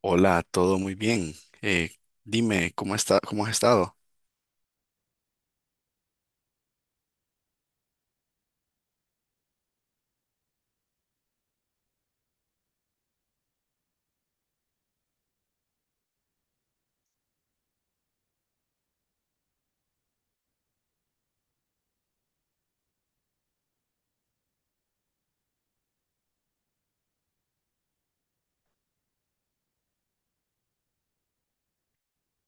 Hola, todo muy bien. Eh, Dime, ¿ cómo has estado?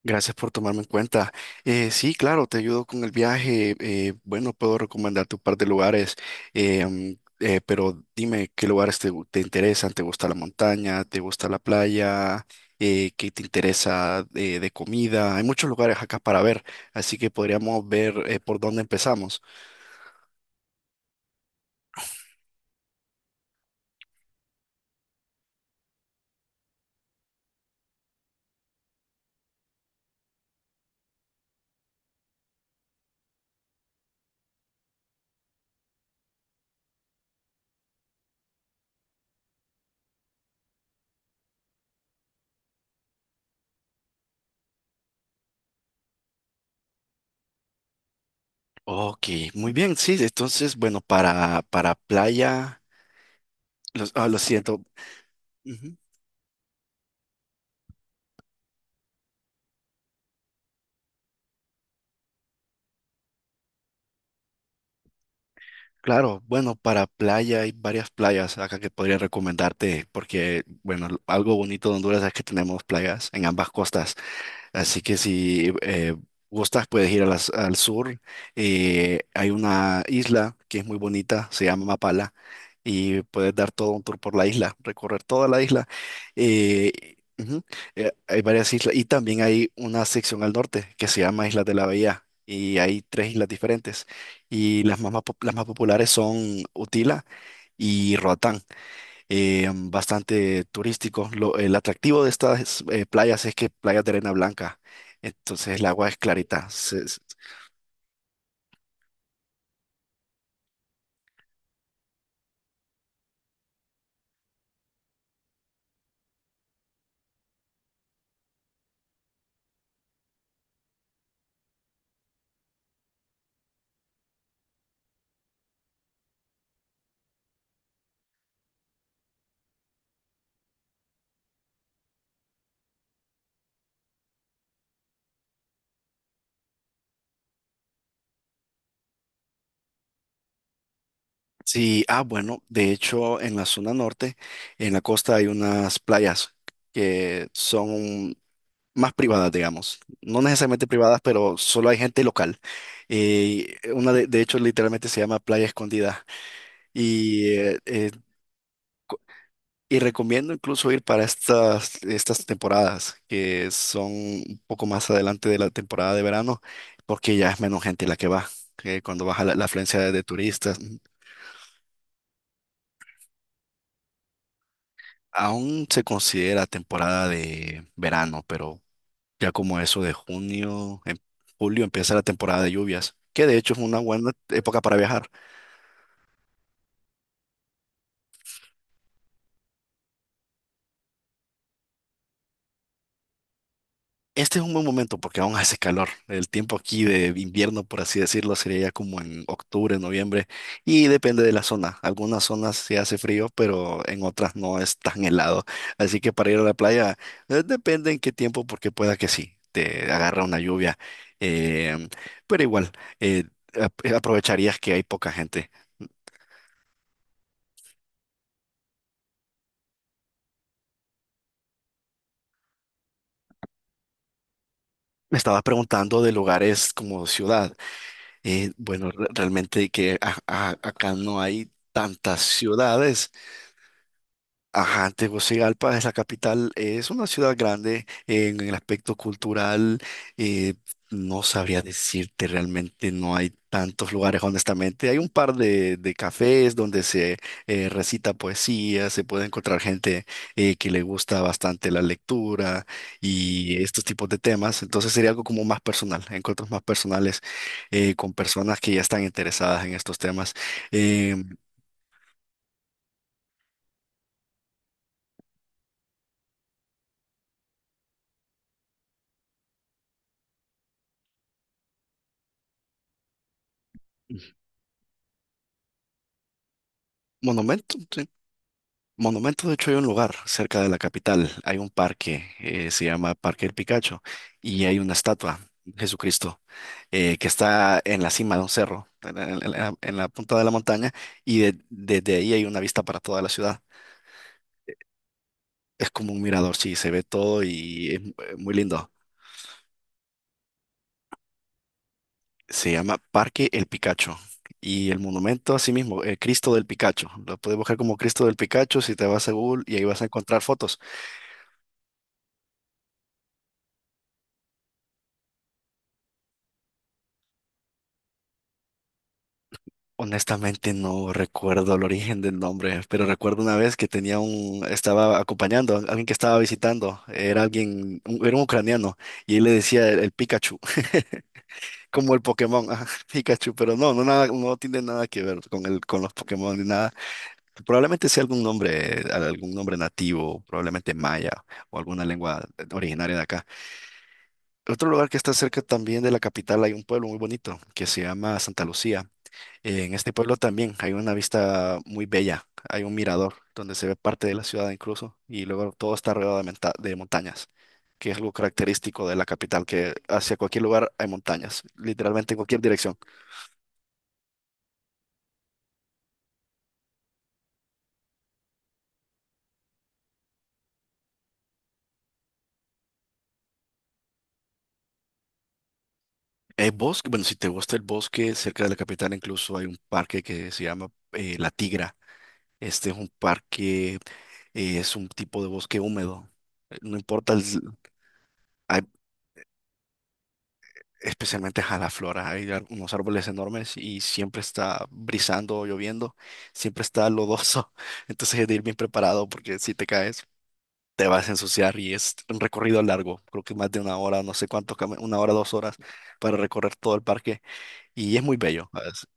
Gracias por tomarme en cuenta. Sí, claro, te ayudo con el viaje. Bueno, puedo recomendarte un par de lugares, eh, mm, pero dime qué lugares te interesan. ¿Te gusta la montaña? ¿Te gusta la playa? ¿Qué te interesa de comida? Hay muchos lugares acá para ver, así que podríamos ver por dónde empezamos. Ok, muy bien, sí. Entonces, bueno, para playa, ah, lo siento. Ujú. Claro, bueno, para playa hay varias playas acá que podría recomendarte porque, bueno, algo bonito de Honduras es que tenemos playas en ambas costas. Así que si gustas, puedes ir a al sur. Hay una isla que es muy bonita, se llama Mapala, y puedes dar todo un tour por la isla, recorrer toda la isla. Ujú. Hay varias islas y también hay una sección al norte que se llama Islas de la Bahía. Y hay tres islas diferentes. Y las más populares son Utila y Roatán, bastante turístico. El atractivo de estas playas es que playas de arena blanca, entonces el agua es clarita. Sí, ah, bueno, de hecho en la zona norte, en la costa hay unas playas que son más privadas, digamos. No necesariamente privadas, pero solo hay gente local. Una de hecho literalmente se llama Playa Escondida. Y eh, eh, Y recomiendo incluso ir para estas temporadas, que son un poco más adelante de la temporada de verano, porque ya es menos gente la que va, que cuando baja la afluencia de turistas. Aún se considera temporada de verano, pero ya como eso de junio, en julio empieza la temporada de lluvias, que de hecho es una buena época para viajar. Este es un buen momento porque aún hace calor. El tiempo aquí de invierno, por así decirlo, sería ya como en octubre, noviembre, y depende de la zona. Algunas zonas se hace frío, pero en otras no es tan helado. Así que para ir a la playa, depende en qué tiempo, porque pueda que sí, te agarra una lluvia. em, pero igual, eh, aprovecharías que hay poca gente. Me estabas preguntando de lugares como ciudad. Bueno, realmente que acá no hay tantas ciudades. Ajá, Tegucigalpa es la capital, es una ciudad grande en el aspecto cultural, eh, no sabría decirte realmente, no hay tantos lugares honestamente, hay un par de cafés donde se recita poesía, se puede encontrar gente que le gusta bastante la lectura y estos tipos de temas, entonces sería algo como más personal, encuentros más personales con personas que ya están interesadas en estos temas. Em, Monumento, sí. Monumento, de hecho, hay un lugar cerca de la capital, hay un parque, se llama Parque del Picacho, y hay una estatua de Jesucristo, que está en la cima de un cerro, en la punta de la montaña, y desde ahí hay una vista para toda la ciudad. Es como un mirador, sí, se ve todo y es muy lindo. Se llama Parque El Picacho. Y el monumento así mismo, el Cristo del Picacho. Lo puedes buscar como Cristo del Picacho si te vas a Google y ahí vas a encontrar fotos. Honestamente no recuerdo el origen del nombre, pero recuerdo una vez que tenía un, estaba acompañando a alguien que estaba visitando, era alguien, era un ucraniano, y él le decía el Pikachu, como el Pokémon, ajá, Pikachu, pero no, no nada, no tiene nada que ver con con los Pokémon ni nada. Probablemente sea algún nombre nativo, probablemente maya o alguna lengua originaria de acá. Otro lugar que está cerca también de la capital hay un pueblo muy bonito que se llama Santa Lucía. En este pueblo también hay una vista muy bella, hay un mirador donde se ve parte de la ciudad incluso y luego todo está rodeado de montañas, que es algo característico de la capital, que hacia cualquier lugar hay montañas, literalmente en cualquier dirección. Hay bosque, bueno, si te gusta el bosque, cerca de la capital incluso hay un parque que se llama La Tigra. Este es un parque, es un tipo de bosque húmedo. No importa, hay especialmente a la flora. Hay unos árboles enormes y siempre está brisando o lloviendo, siempre está lodoso. Entonces hay de ir bien preparado porque si te caes, te vas a ensuciar y es un recorrido largo, creo que más de una hora, no sé cuánto, una hora, dos horas para recorrer todo el parque y es muy bello. ¿Sabes?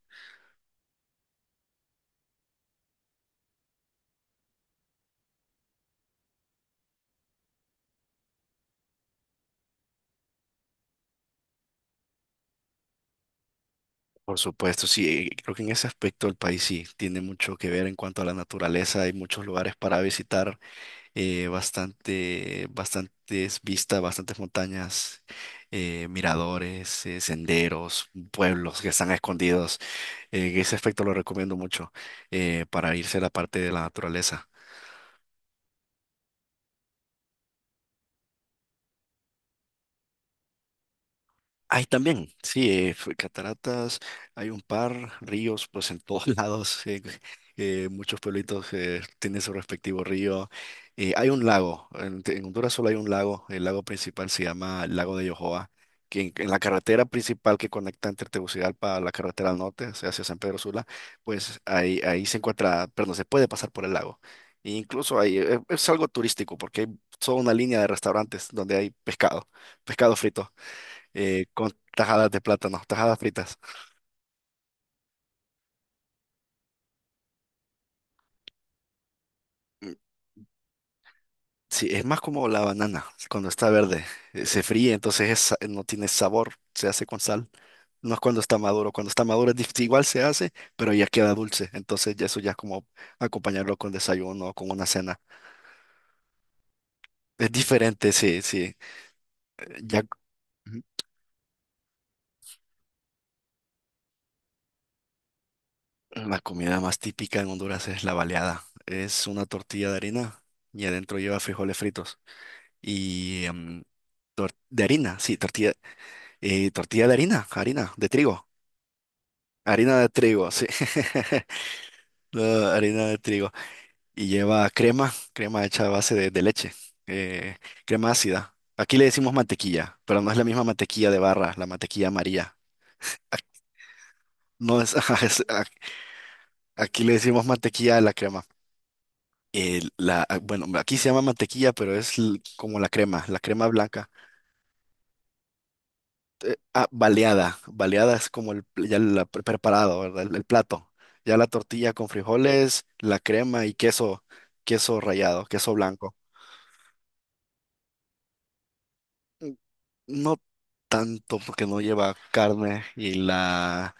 Por supuesto, sí, creo que en ese aspecto el país sí tiene mucho que ver en cuanto a la naturaleza, hay muchos lugares para visitar, bastantes vistas, bastantes montañas, miradores, senderos, pueblos que están escondidos. Ese aspecto lo recomiendo mucho para irse a la parte de la naturaleza. Hay también, sí, cataratas, hay un par, ríos, pues en todos lados, muchos pueblitos tienen su respectivo río. Hay un lago, en Honduras solo hay un lago, el lago principal se llama el lago de Yohoa, que en la carretera principal que conecta entre Tegucigalpa a la carretera al norte, o sea, hacia San Pedro Sula, pues ahí se encuentra, perdón, se puede pasar por el lago. E incluso hay, es algo turístico porque hay toda una línea de restaurantes donde hay pescado, pescado frito con tajadas de plátano, tajadas fritas. Mm. Sí, es más como la banana cuando está verde. Se fríe, entonces no tiene sabor, se hace con sal. No es cuando está maduro igual se hace, pero ya queda dulce. Entonces ya eso ya es como acompañarlo con desayuno o con una cena. Es diferente, sí, sí. Eh, Ya Ujú. La comida más típica en Honduras es la baleada. Es una tortilla de harina y adentro lleva frijoles fritos. Y em, tor- de harina, sí, tortilla, Y tortilla de harina, harina, de trigo. Harina de trigo, sí. No, harina de trigo. Y lleva crema, crema hecha a base de leche, eh, crema ácida. Aquí le decimos mantequilla, pero no es la misma mantequilla de barra, la mantequilla amarilla. Ac- No es, ajá, aquí le decimos mantequilla a la crema. Ah, bueno, aquí se llama mantequilla, pero es como la crema blanca. Ah, baleada. Baleada es como el, ya preparado, ¿verdad? El plato. Ya la tortilla con frijoles, la crema y queso, queso rallado, queso blanco. Mm, no tanto porque no lleva carne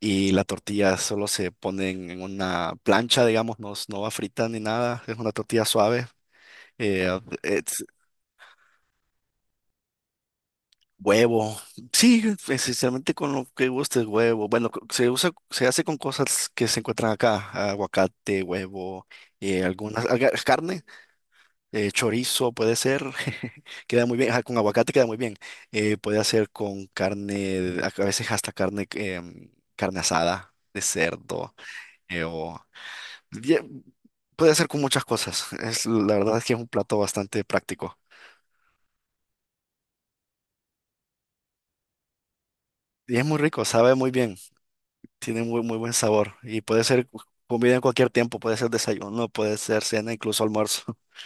y la tortilla solo se pone en una plancha, digamos, no, no va frita ni nada. Es una tortilla suave. Eh, eh, Huevo. Sí, esencialmente con lo que guste, huevo. Bueno, se usa, se hace con cosas que se encuentran acá, aguacate, huevo, carne, chorizo puede ser, queda muy bien, ajá, con aguacate queda muy bien. Puede hacer con carne, a veces hasta carne, carne asada de cerdo, eh, o ye- puede hacer con muchas cosas. Es, la verdad es que es un plato bastante práctico. Y es muy rico, sabe muy bien. Tiene muy, muy buen sabor y puede ser comida en cualquier tiempo, puede ser desayuno, puede ser cena, incluso almuerzo.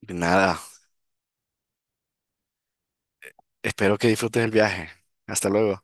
Y nada, espero que disfrutes el viaje. Hasta luego.